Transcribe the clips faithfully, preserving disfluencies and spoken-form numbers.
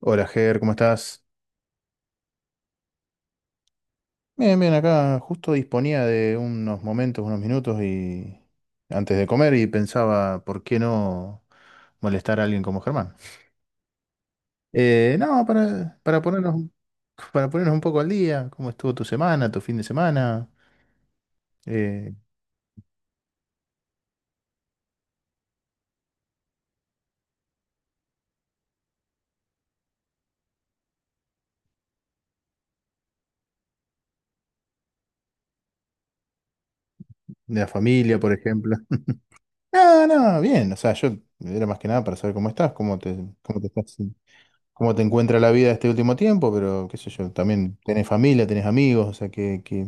Hola, Ger, ¿cómo estás? Bien, bien, acá justo disponía de unos momentos, unos minutos y antes de comer y pensaba, ¿por qué no molestar a alguien como Germán? Eh, no, para, para ponernos, un- para ponernos un poco al día, ¿cómo estuvo tu semana, tu fin de semana? Eh, de la familia, por ejemplo. No, no, bien, o sea, yo era más que nada para saber cómo estás, cómo te, cómo te estás, cómo te encuentra la vida este último tiempo, pero qué sé yo, también tenés familia, tenés amigos, o sea, que, que...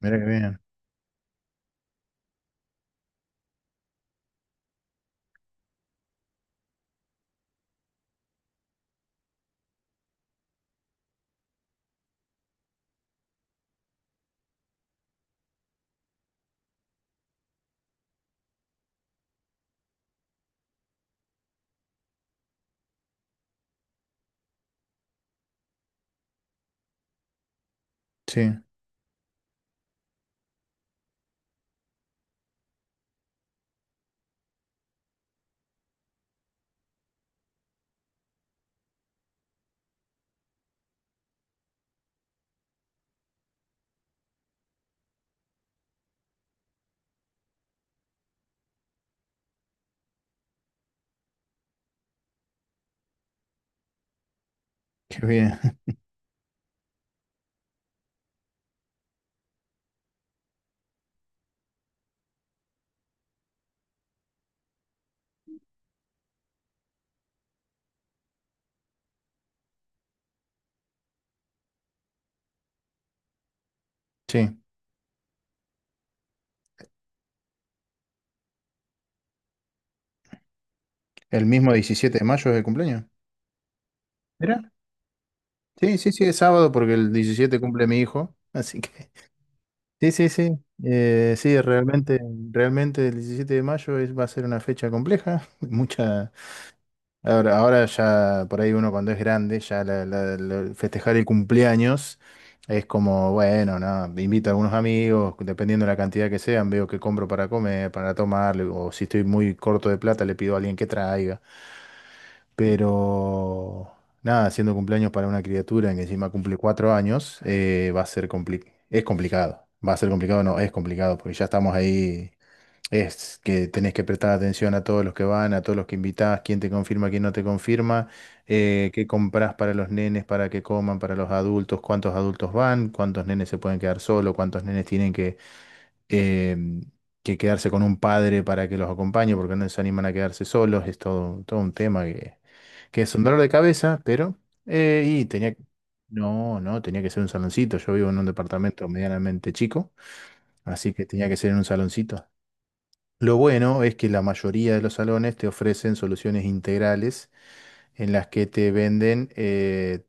Mirá que bien. Sí, qué bien. Sí. ¿El mismo diecisiete de mayo es el cumpleaños? Mira. Sí, sí, sí, es sábado porque el diecisiete cumple mi hijo. Así que. Sí, sí, sí. Eh, sí, realmente, realmente el diecisiete de mayo es, va a ser una fecha compleja. Mucha. Ahora, ahora ya por ahí uno cuando es grande, ya la- la- la- festejar el cumpleaños es como, bueno, no, invito a algunos amigos, dependiendo de la cantidad que sean, veo que compro para comer, para tomar, o si estoy muy corto de plata, le pido a alguien que traiga. Pero nada, haciendo cumpleaños para una criatura que encima cumple cuatro años, eh, va a ser compli- es complicado. Va a ser complicado, no, es complicado, porque ya estamos ahí. Es que tenés que prestar atención a todos los que van, a todos los que invitás, quién te confirma, quién no te confirma, eh, qué comprás para los nenes, para que coman, para los adultos, cuántos adultos van, cuántos nenes se pueden quedar solos, cuántos nenes tienen que, em, que quedarse con un padre para que los acompañe, porque no se animan a quedarse solos. Es todo, todo un tema que que es un dolor de cabeza, pero... eh, y tenía... No, no, tenía que ser un saloncito. Yo vivo en un departamento medianamente chico, así que tenía que ser en un saloncito. Lo bueno es que la mayoría de los salones te ofrecen soluciones integrales en las que te venden eh,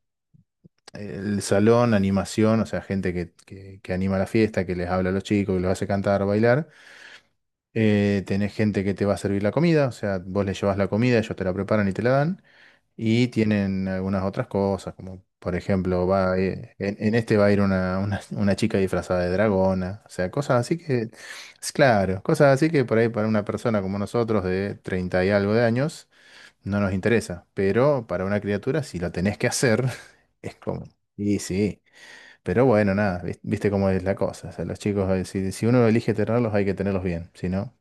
el salón, animación, o sea, gente que, que que anima la fiesta, que les habla a los chicos, que los hace cantar, bailar. Eh, tenés gente que te va a servir la comida, o sea, vos le llevas la comida, ellos te la preparan y te la dan. Y tienen algunas otras cosas, como por ejemplo, va a ir- en, en este va a ir una, una, una chica disfrazada de dragona, o sea, cosas así que, es claro, cosas así que por ahí para una persona como nosotros de treinta y algo de años no nos interesa, pero para una criatura, si lo tenés que hacer, es como, y sí, pero bueno, nada, vis- viste cómo es la cosa, o sea, los chicos, eh, si, si uno elige tenerlos, hay que tenerlos bien, si no...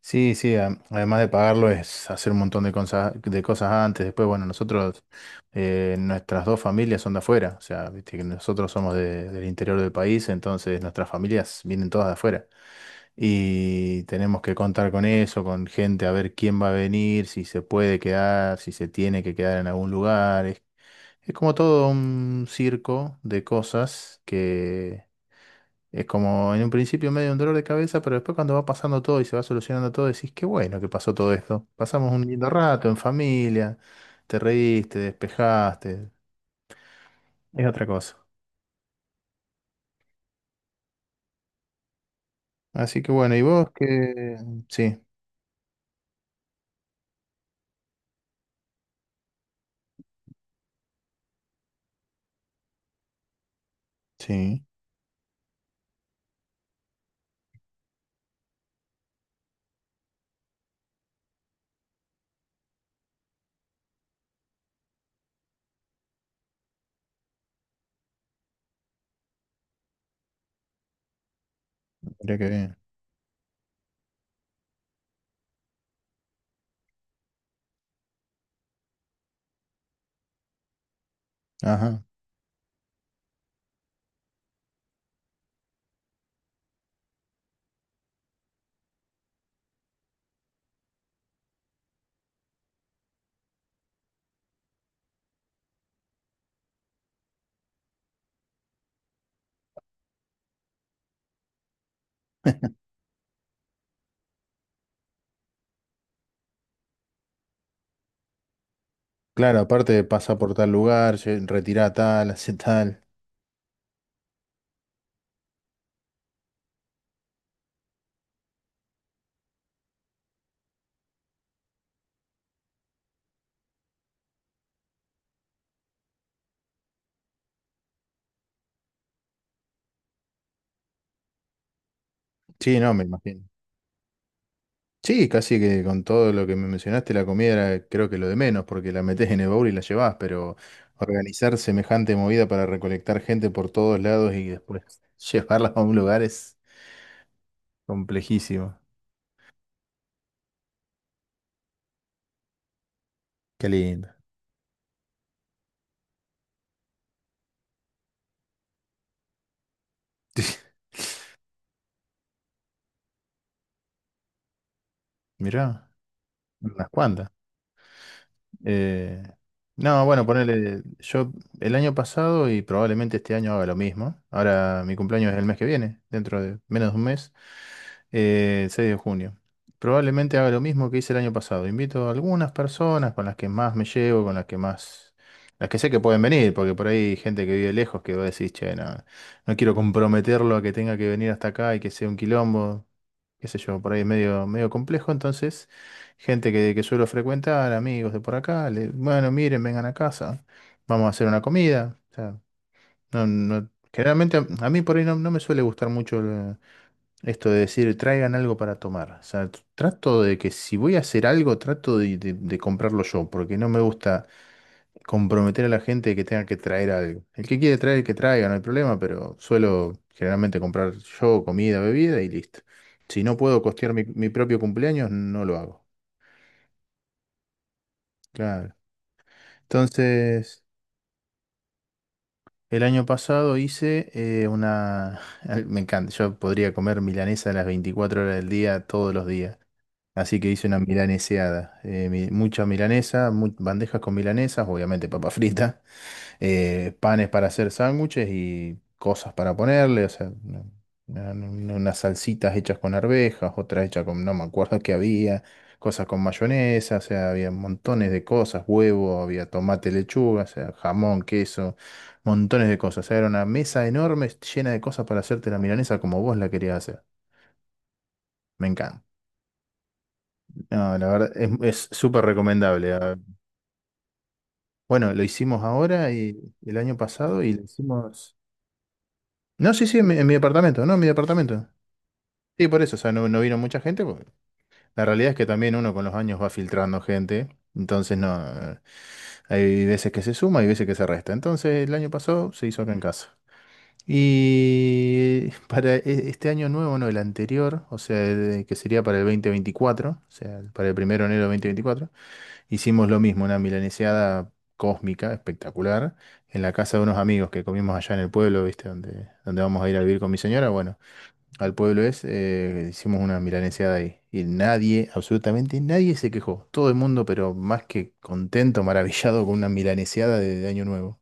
Sí, sí, a- además de pagarlo es hacer un montón de cosas, de cosas antes. Después, bueno, nosotros, eh, nuestras dos familias son de afuera, o sea, viste que nosotros somos de- del interior del país, entonces nuestras familias vienen todas de afuera. Y tenemos que contar con eso, con gente, a ver quién va a venir, si se puede quedar, si se tiene que quedar en algún lugar. Es como todo un circo de cosas que es como en un principio medio un dolor de cabeza, pero después cuando va pasando todo y se va solucionando todo, decís, qué bueno que pasó todo esto. Pasamos un lindo rato en familia, te reíste, despejaste, es otra cosa. Así que bueno, ¿y vos qué? Sí, sí, mirá qué bien. Ajá. Claro, aparte pasa por tal lugar, lle- retirá tal, hace tal. Sí, no, me imagino. Sí, casi que con todo lo que me mencionaste, la comida era creo que lo de menos, porque la metés en el baúl y la llevás, pero organizar semejante movida para recolectar gente por todos lados y después llevarla a un lugar es complejísimo. Qué lindo. Mirá, unas cuantas. Eh, no, bueno, ponerle, yo el año pasado y probablemente este año haga lo mismo. Ahora mi cumpleaños es el mes que viene, dentro de menos de un mes, eh, el seis de junio. Probablemente haga lo mismo que hice el año pasado. Invito a algunas personas con las que más me llevo, con las que más, las que sé que pueden venir, porque por ahí hay gente que vive lejos que va a decir, che, no, no quiero comprometerlo a que tenga que venir hasta acá y que sea un quilombo, qué sé yo, por ahí es medio, medio complejo, entonces... Gente que, que suelo frecuentar, amigos de por acá, le- bueno, miren, vengan a casa, vamos a hacer una comida. O sea, no, no- generalmente a, a mí por ahí no, no me suele gustar mucho el- esto de decir traigan algo para tomar. O sea, tr- trato de que si voy a hacer algo, trato de, de- de comprarlo yo, porque no me gusta comprometer a la gente que tenga que traer algo. El que quiere traer, que traiga, no hay problema, pero suelo generalmente comprar yo comida, bebida y listo. Si no puedo costear mi, mi propio cumpleaños, no lo hago. Claro. Entonces, el año pasado hice eh, una... Me encanta, yo podría comer milanesa a las veinticuatro horas del día, todos los días. Así que hice una milaneseada. eh, mi- mucha milanesa, mu- bandejas con milanesas, obviamente papa frita eh, panes para hacer sándwiches y cosas para ponerle, o sea, una- una- una- unas salsitas hechas con arvejas, otras hechas con, no me acuerdo qué había, cosas con mayonesa, o sea, había montones de cosas, huevo, había tomate, lechuga, o sea, jamón, queso, montones de cosas, o sea, era una mesa enorme llena de cosas para hacerte la milanesa como vos la querías hacer. Me encanta. No, la verdad es es súper recomendable. Ah, bueno, lo hicimos ahora y el año pasado y lo hicimos. No, sí, sí, en mi, en mi departamento, no, en mi departamento. Sí, por eso, o sea, no, no vino mucha gente, porque la realidad es que también uno con los años va filtrando gente, entonces no, hay veces que se suma y veces que se resta. Entonces el año pasado se hizo acá en casa. Y para e- este año nuevo, no, el anterior, o sea, el que sería para el dos mil veinticuatro, o sea, para el primero de enero de dos mil veinticuatro, hicimos lo mismo, una milaneseada cósmica, espectacular, en la casa de unos amigos que comimos allá en el pueblo, ¿viste? Donde, donde vamos a ir a vivir con mi señora, bueno al pueblo es, eh, hicimos una milaneseada ahí. Y nadie, absolutamente nadie se quejó. Todo el mundo, pero más que contento, maravillado con una milaneseada de, de Año Nuevo.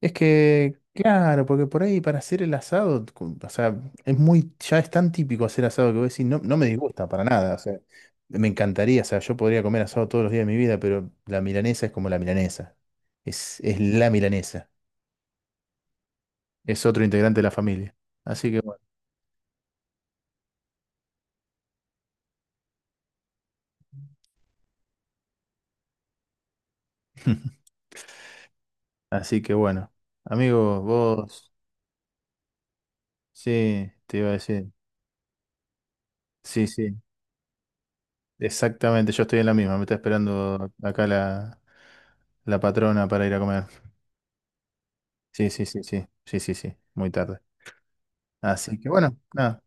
Es que, claro, porque por ahí para hacer el asado, con- o sea, es muy, ya es tan típico hacer asado que vos decís, no, no me disgusta para nada. O sea, me encantaría, o sea, yo podría comer asado todos los días de mi vida, pero la milanesa es como la milanesa. Es, es la milanesa. Es otro integrante de la familia. Así que bueno. Así que bueno, amigo, vos, sí, te iba a decir, sí, sí, exactamente, yo estoy en la misma, me está esperando acá la, la patrona para ir a comer. Sí, sí, sí, sí, sí, sí, sí, muy tarde. Así que bueno, nada,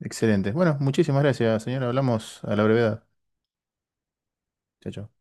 excelente. Bueno, muchísimas gracias, señora, hablamos a la brevedad. Chao, chao.